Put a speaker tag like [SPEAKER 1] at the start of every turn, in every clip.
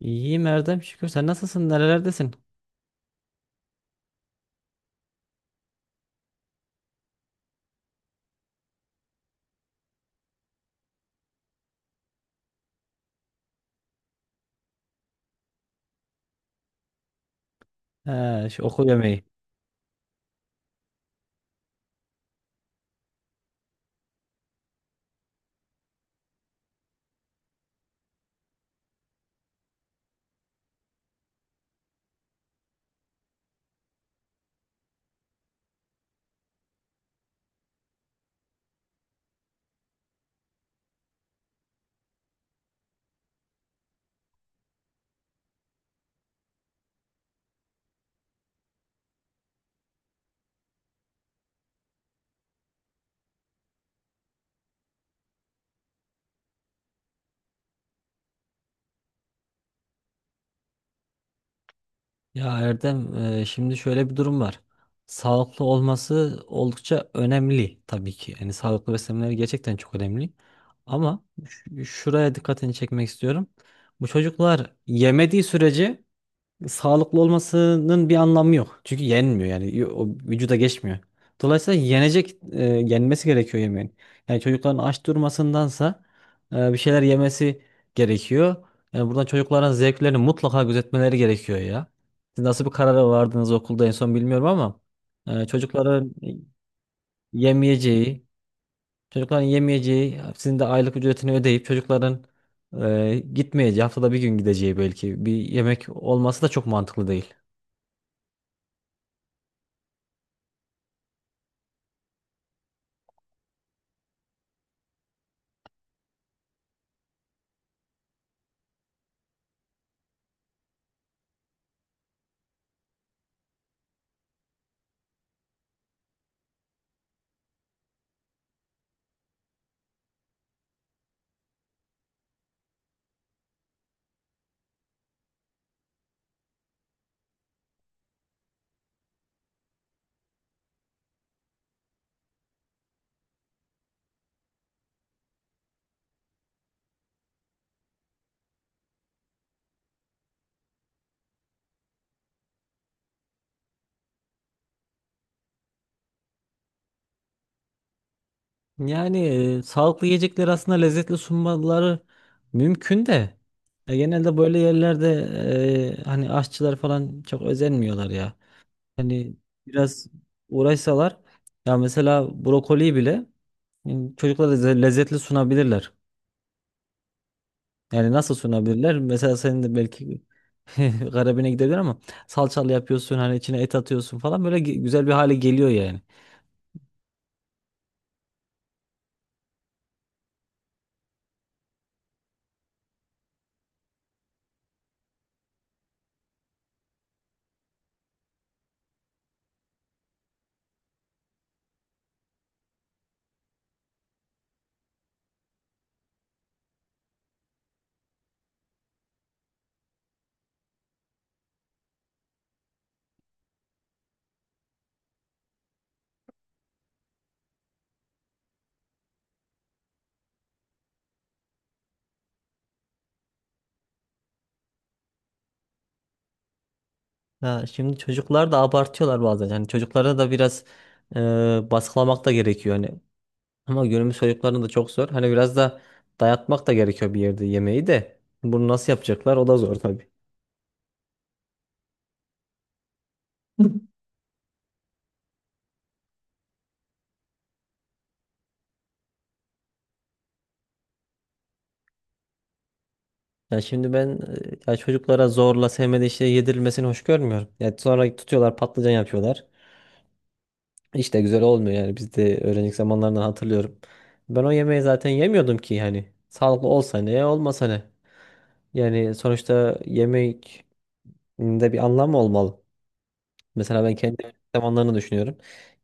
[SPEAKER 1] İyiyim Erdem şükür. Sen nasılsın? Nerelerdesin? He, şu okul yemeği. Ya Erdem, şimdi şöyle bir durum var. Sağlıklı olması oldukça önemli tabii ki. Yani sağlıklı beslenmeleri gerçekten çok önemli. Ama şuraya dikkatini çekmek istiyorum. Bu çocuklar yemediği sürece sağlıklı olmasının bir anlamı yok. Çünkü yenmiyor yani o vücuda geçmiyor. Dolayısıyla yenmesi gerekiyor yemeğin. Yani çocukların aç durmasındansa bir şeyler yemesi gerekiyor. Yani buradan çocukların zevklerini mutlaka gözetmeleri gerekiyor ya. Siz nasıl bir karara vardınız okulda en son bilmiyorum ama e, çocukların yemeyeceği, çocukların yemeyeceği, sizin de aylık ücretini ödeyip çocukların gitmeyeceği, haftada bir gün gideceği belki bir yemek olması da çok mantıklı değil. Yani sağlıklı yiyecekleri aslında lezzetli sunmaları mümkün de genelde böyle yerlerde hani aşçılar falan çok özenmiyorlar ya. Hani biraz uğraşsalar ya mesela brokoli bile e, çocuklara lezzetli sunabilirler. Yani nasıl sunabilirler? Mesela senin de belki garibine gidebilir ama salçalı yapıyorsun hani içine et atıyorsun falan böyle güzel bir hale geliyor yani. Ya şimdi çocuklar da abartıyorlar bazen. Hani çocuklara da biraz baskılamak da gerekiyor hani. Ama günümüz çocuklarının da çok zor. Hani biraz da dayatmak da gerekiyor bir yerde yemeği de. Bunu nasıl yapacaklar? O da zor tabii. Ya şimdi ben ya çocuklara zorla sevmediği şey yedirilmesini hoş görmüyorum. Ya sonra tutuyorlar patlıcan yapıyorlar. Hiç de güzel olmuyor yani biz de öğrencilik zamanlarından hatırlıyorum. Ben o yemeği zaten yemiyordum ki yani. Sağlıklı olsa ne, olmasa ne. Yani sonuçta yemek de bir anlamı olmalı. Mesela ben kendi zamanlarını düşünüyorum.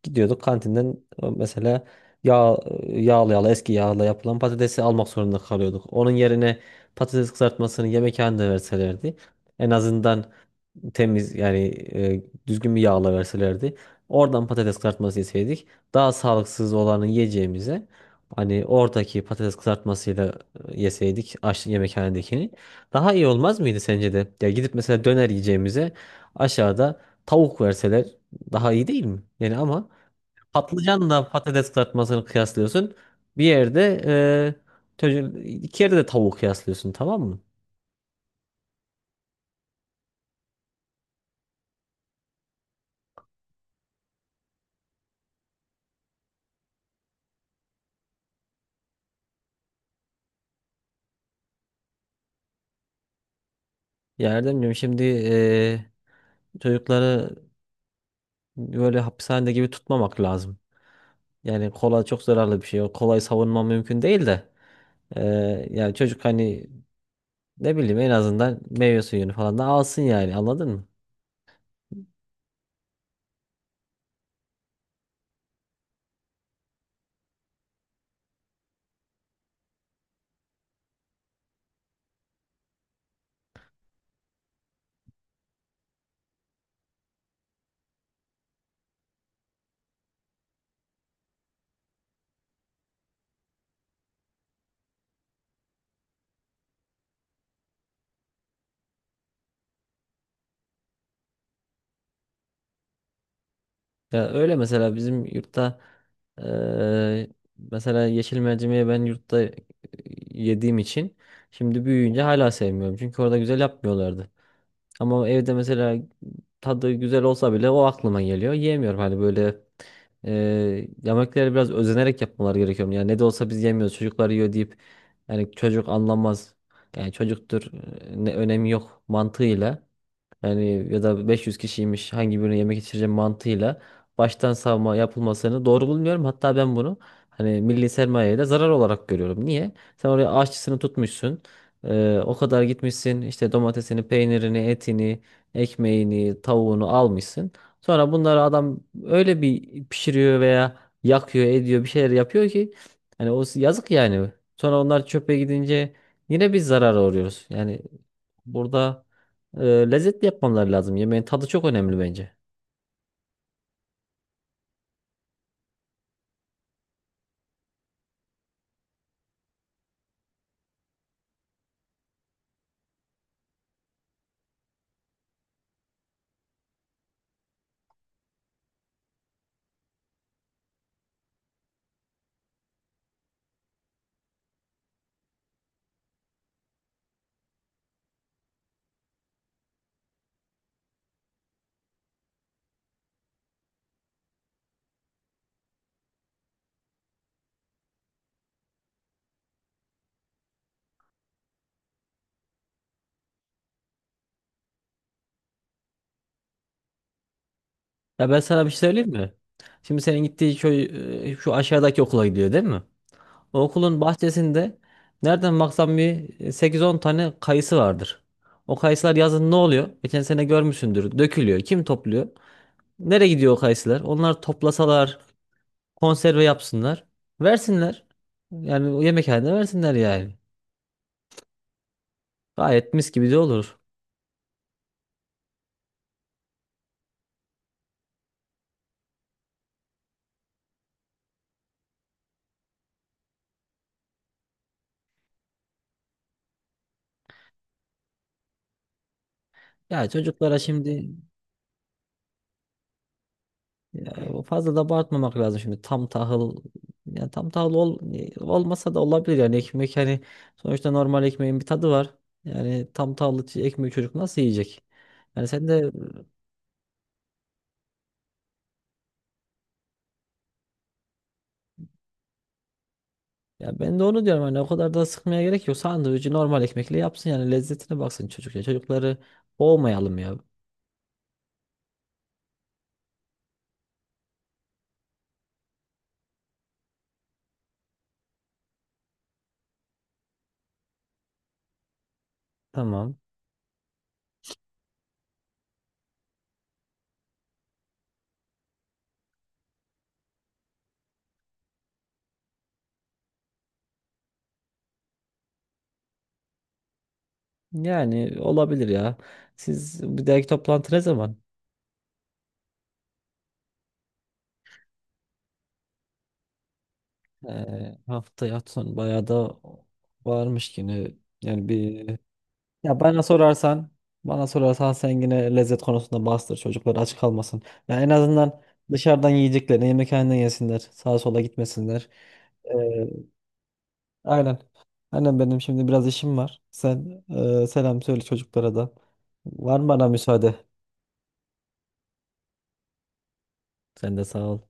[SPEAKER 1] Gidiyorduk kantinden mesela yağ, yağlı yağlı eski yağla yapılan patatesi almak zorunda kalıyorduk. Onun yerine patates kızartmasını yemekhanede verselerdi en azından temiz yani düzgün bir yağla verselerdi. Oradan patates kızartması yeseydik daha sağlıksız olanı yiyeceğimize hani oradaki patates kızartmasıyla yeseydik aç yemekhanedekini daha iyi olmaz mıydı sence de? Ya gidip mesela döner yiyeceğimize aşağıda tavuk verseler daha iyi değil mi? Yani ama patlıcanla patates kızartmasını kıyaslıyorsun. Bir yerde iki yerde de tavuk kıyaslıyorsun tamam mı? Ya Erdemciğim şimdi çocukları böyle hapishanede gibi tutmamak lazım. Yani kola çok zararlı bir şey. O kolayı savunma mümkün değil de. e, Yani çocuk hani ne bileyim en azından meyve suyunu falan da alsın yani anladın mı? Ya öyle mesela bizim yurtta eee, mesela yeşil mercimeği ben yurtta yediğim için şimdi büyüyünce hala sevmiyorum. Çünkü orada güzel yapmıyorlardı. Ama evde mesela tadı güzel olsa bile o aklıma geliyor. Yiyemiyorum hani böyle eee yemekleri biraz özenerek yapmaları gerekiyor. Yani ne de olsa biz yemiyoruz çocuklar yiyor deyip yani çocuk anlamaz. Yani çocuktur ne önemi yok mantığıyla. Yani ya da 500 kişiymiş hangi birine yemek içireceğim mantığıyla baştan savma yapılmasını doğru bulmuyorum. Hatta ben bunu hani milli sermayeye de zarar olarak görüyorum. Niye? Sen oraya aşçısını tutmuşsun. O kadar gitmişsin işte domatesini, peynirini, etini, ekmeğini, tavuğunu almışsın. Sonra bunları adam öyle bir pişiriyor veya yakıyor, ediyor bir şeyler yapıyor ki hani o yazık yani. Sonra onlar çöpe gidince yine biz zarara uğruyoruz. Yani burada lezzetli yapmaları lazım. Yemeğin tadı çok önemli bence. Ya ben sana bir şey söyleyeyim mi? Şimdi senin gittiği köy şu aşağıdaki okula gidiyor değil mi? O okulun bahçesinde nereden baksan bir 8-10 tane kayısı vardır. O kayısılar yazın ne oluyor? Geçen sene görmüşsündür. Dökülüyor. Kim topluyor? Nereye gidiyor o kayısılar? Onlar toplasalar, konserve yapsınlar. Versinler. Yani o yemekhanede versinler yani. Gayet mis gibi de olur. Ya çocuklara şimdi Ya fazla da abartmamak lazım şimdi tam tahıl yani tam tahıl olmasa da olabilir yani ekmek hani sonuçta normal ekmeğin bir tadı var. Yani tam tahıllı ekmeği çocuk nasıl yiyecek? Yani sen de Ya ben de onu diyorum hani o kadar da sıkmaya gerek yok. Sandviçi normal ekmekle yapsın yani lezzetine baksın çocuk ya. Çocukları boğmayalım ya. Tamam. Yani olabilir ya. Siz bir dahaki toplantı ne zaman? Haftaya son bayağı da varmış yine. Yani bir. Ya bana sorarsan, sen yine lezzet konusunda bastır çocuklar aç kalmasın. Ya en azından dışarıdan yiyeceklerini yemekhaneden yesinler. Sağa sola gitmesinler. Ee, aynen. Aynen benim şimdi biraz işim var. Sen selam söyle çocuklara da. Var mı bana müsaade? Sen de sağ ol.